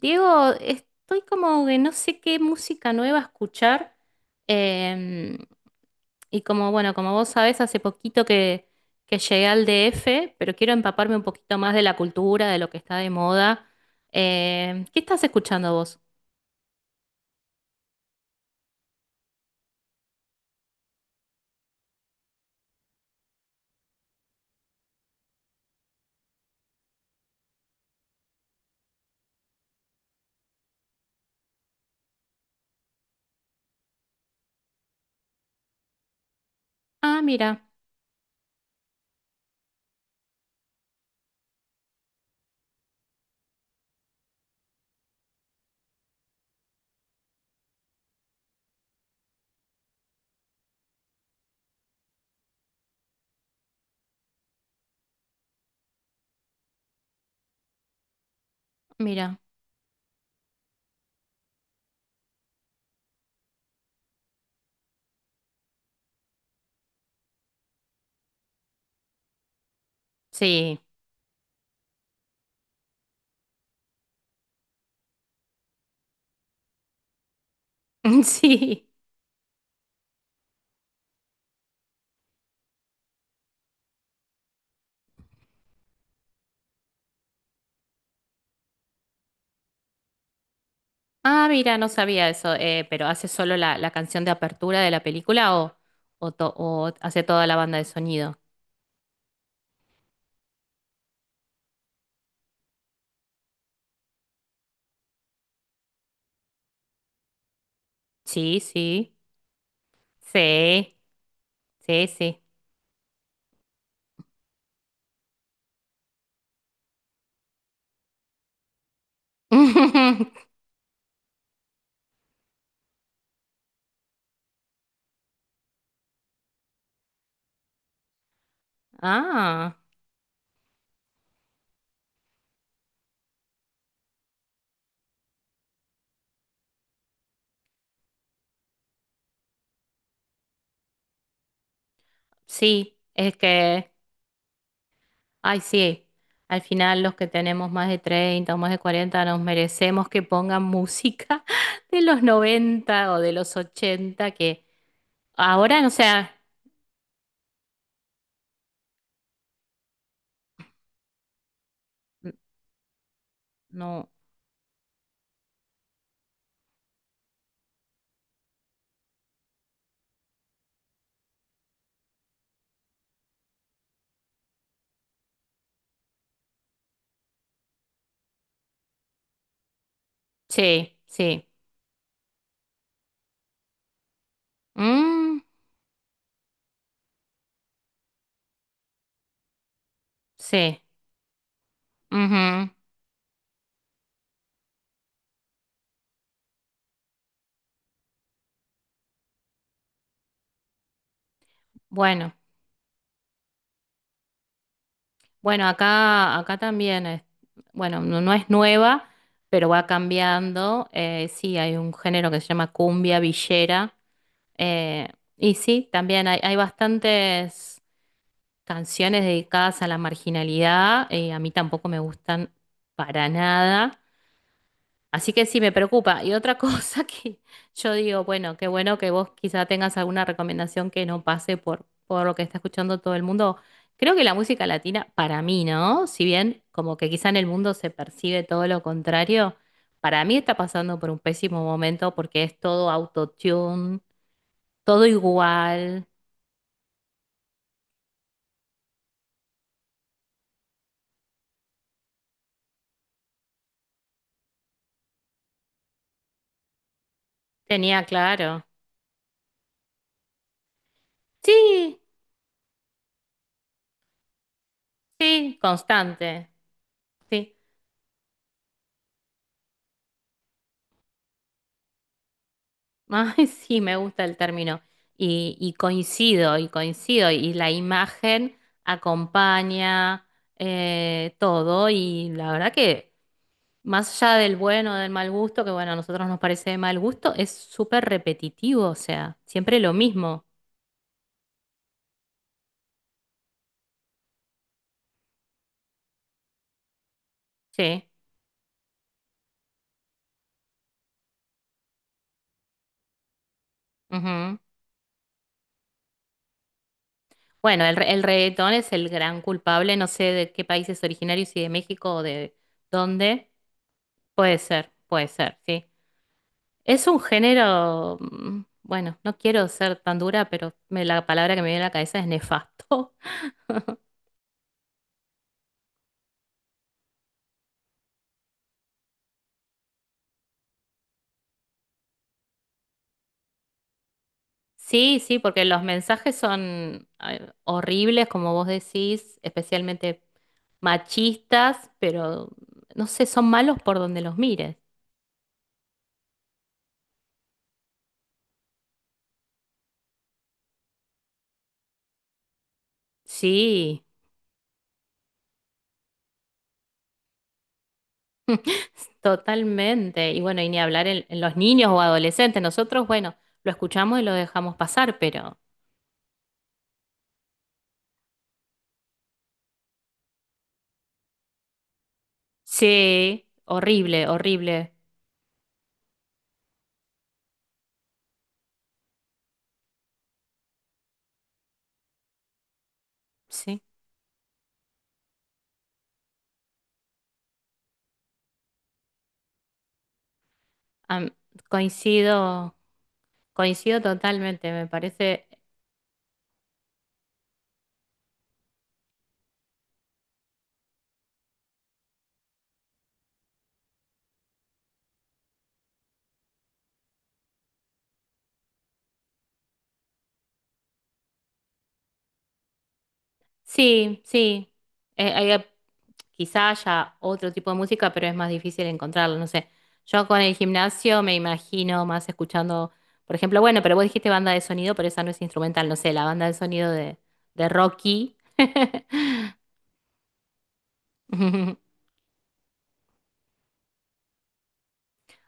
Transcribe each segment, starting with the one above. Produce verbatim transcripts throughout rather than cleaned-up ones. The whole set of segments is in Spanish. Diego, estoy como que no sé qué música nueva escuchar. em, y como, bueno, como vos sabés, hace poquito que, que llegué al D F, pero quiero empaparme un poquito más de la cultura, de lo que está de moda. Em, ¿qué estás escuchando vos? Ah, mira, mira. Sí, sí. Ah, mira, no sabía eso. Eh, pero ¿hace solo la, la canción de apertura de la película o, o, to- o hace toda la banda de sonido? Sí, sí. Sí, sí, sí. Ah, sí, es que, ay, sí, al final los que tenemos más de treinta o más de cuarenta nos merecemos que pongan música de los noventa o de los ochenta que ahora, no sea, n- no, sí, sí, mm, sí, ujú. Bueno, bueno, acá, acá también es, bueno, no, no es nueva, pero va cambiando, eh, sí, hay un género que se llama cumbia villera. Eh, y sí, también hay, hay bastantes canciones dedicadas a la marginalidad. Eh, a mí tampoco me gustan para nada. Así que sí, me preocupa. Y otra cosa que yo digo, bueno, qué bueno que vos quizá tengas alguna recomendación que no pase por, por lo que está escuchando todo el mundo. Creo que la música latina, para mí, ¿no? Si bien como que quizá en el mundo se percibe todo lo contrario, para mí está pasando por un pésimo momento porque es todo autotune, todo igual. Tenía claro. Sí, sí, constante. Sí. Ay, sí, me gusta el término. Y, y coincido, y coincido. Y la imagen acompaña eh, todo. Y la verdad que, más allá del bueno o del mal gusto, que bueno, a nosotros nos parece de mal gusto, es súper repetitivo. O sea, siempre lo mismo. Sí. Ujú. Bueno, el, re- el reggaetón es el gran culpable. No sé de qué país es originario, si de México o de dónde. Puede ser, puede ser, sí. Es un género, mm, bueno, no quiero ser tan dura, pero me- la palabra que me viene a la cabeza es nefasto. Sí, sí, porque los mensajes son eh, horribles, como vos decís, especialmente machistas, pero no sé, son malos por donde los mires. Sí, totalmente. Y bueno, y ni hablar en, en los niños o adolescentes. Nosotros, bueno, lo escuchamos y lo dejamos pasar, pero sí, horrible, horrible. Sí. Am- Coincido, coincido totalmente, me parece. Sí, sí. Eh, hay- Quizá haya otro tipo de música, pero es más difícil encontrarlo, no sé. Yo con el gimnasio me imagino más escuchando, por ejemplo, bueno, pero vos dijiste banda de sonido, pero esa no es instrumental, no sé, la banda de sonido de, de Rocky.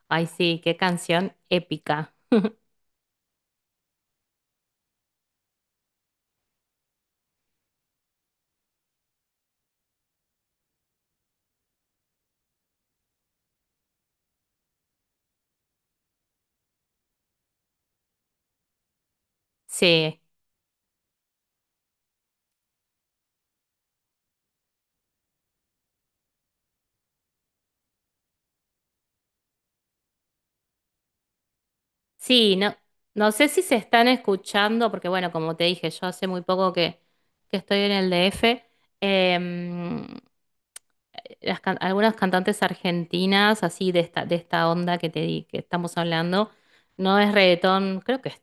Ay, sí, qué canción épica. Sí, sí, no, no sé si se están escuchando, porque bueno, como te dije, yo hace muy poco que, que estoy en el D F. em, las can- algunas cantantes argentinas, así de esta, de esta onda que te di, que estamos hablando, no es reggaetón, creo que es,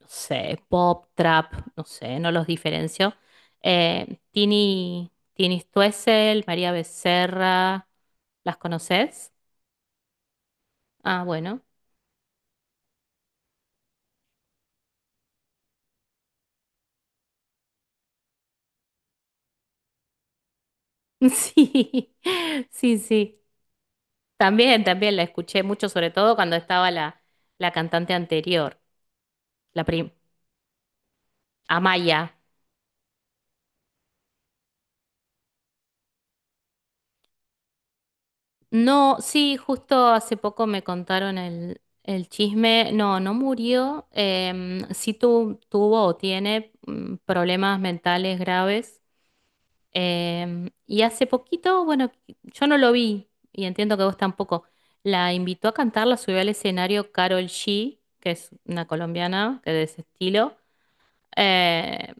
no sé, pop, trap, no sé, no los diferencio. Eh, Tini, Tini Stoessel, María Becerra, ¿las conoces? Ah, bueno. Sí, sí, sí. También, también la escuché mucho, sobre todo cuando estaba la, la cantante anterior, la prim- Amaya. No, sí, justo hace poco me contaron el, el chisme. No, no murió. Em, sí tu- tuvo o tiene mm, problemas mentales graves. Em, y hace poquito, bueno, yo no lo vi y entiendo que vos tampoco. La invitó a cantar, la subió al escenario Carol G, que es una colombiana que de ese estilo. Eh,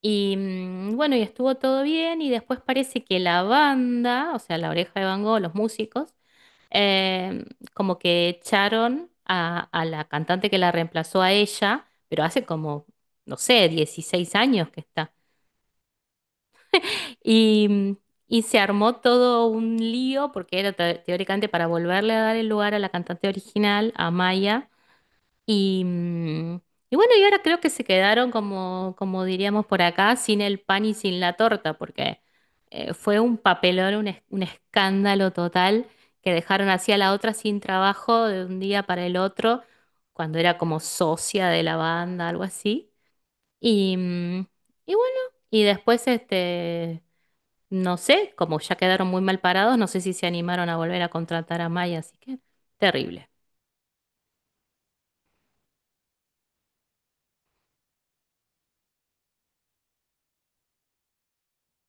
Y mm, bueno, y estuvo todo bien y después parece que la banda, o sea, la Oreja de Van Gogh, los músicos, em, como que echaron a, a la cantante que la reemplazó a ella, pero hace como, no sé, dieciséis años que está. Y, mm, y se armó todo un lío porque era te- teóricamente para volverle a dar el lugar a la cantante original, a Maya y, mm, y bueno, y ahora creo que se quedaron como, como diríamos por acá, sin el pan y sin la torta, porque eh, fue un papelón, un, es- un escándalo total, que dejaron así a la otra sin trabajo de un día para el otro, cuando era como socia de la banda, algo así. Y, mm, y bueno, y después, este, no sé, como ya quedaron muy mal parados, no sé si se animaron a volver a contratar a Maya, así que terrible.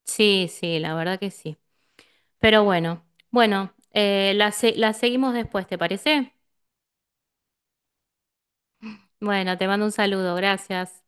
Sí, sí, la verdad que sí. Pero bueno, bueno, eh, la, se- la seguimos después, ¿te parece? Bueno, te mando un saludo, gracias.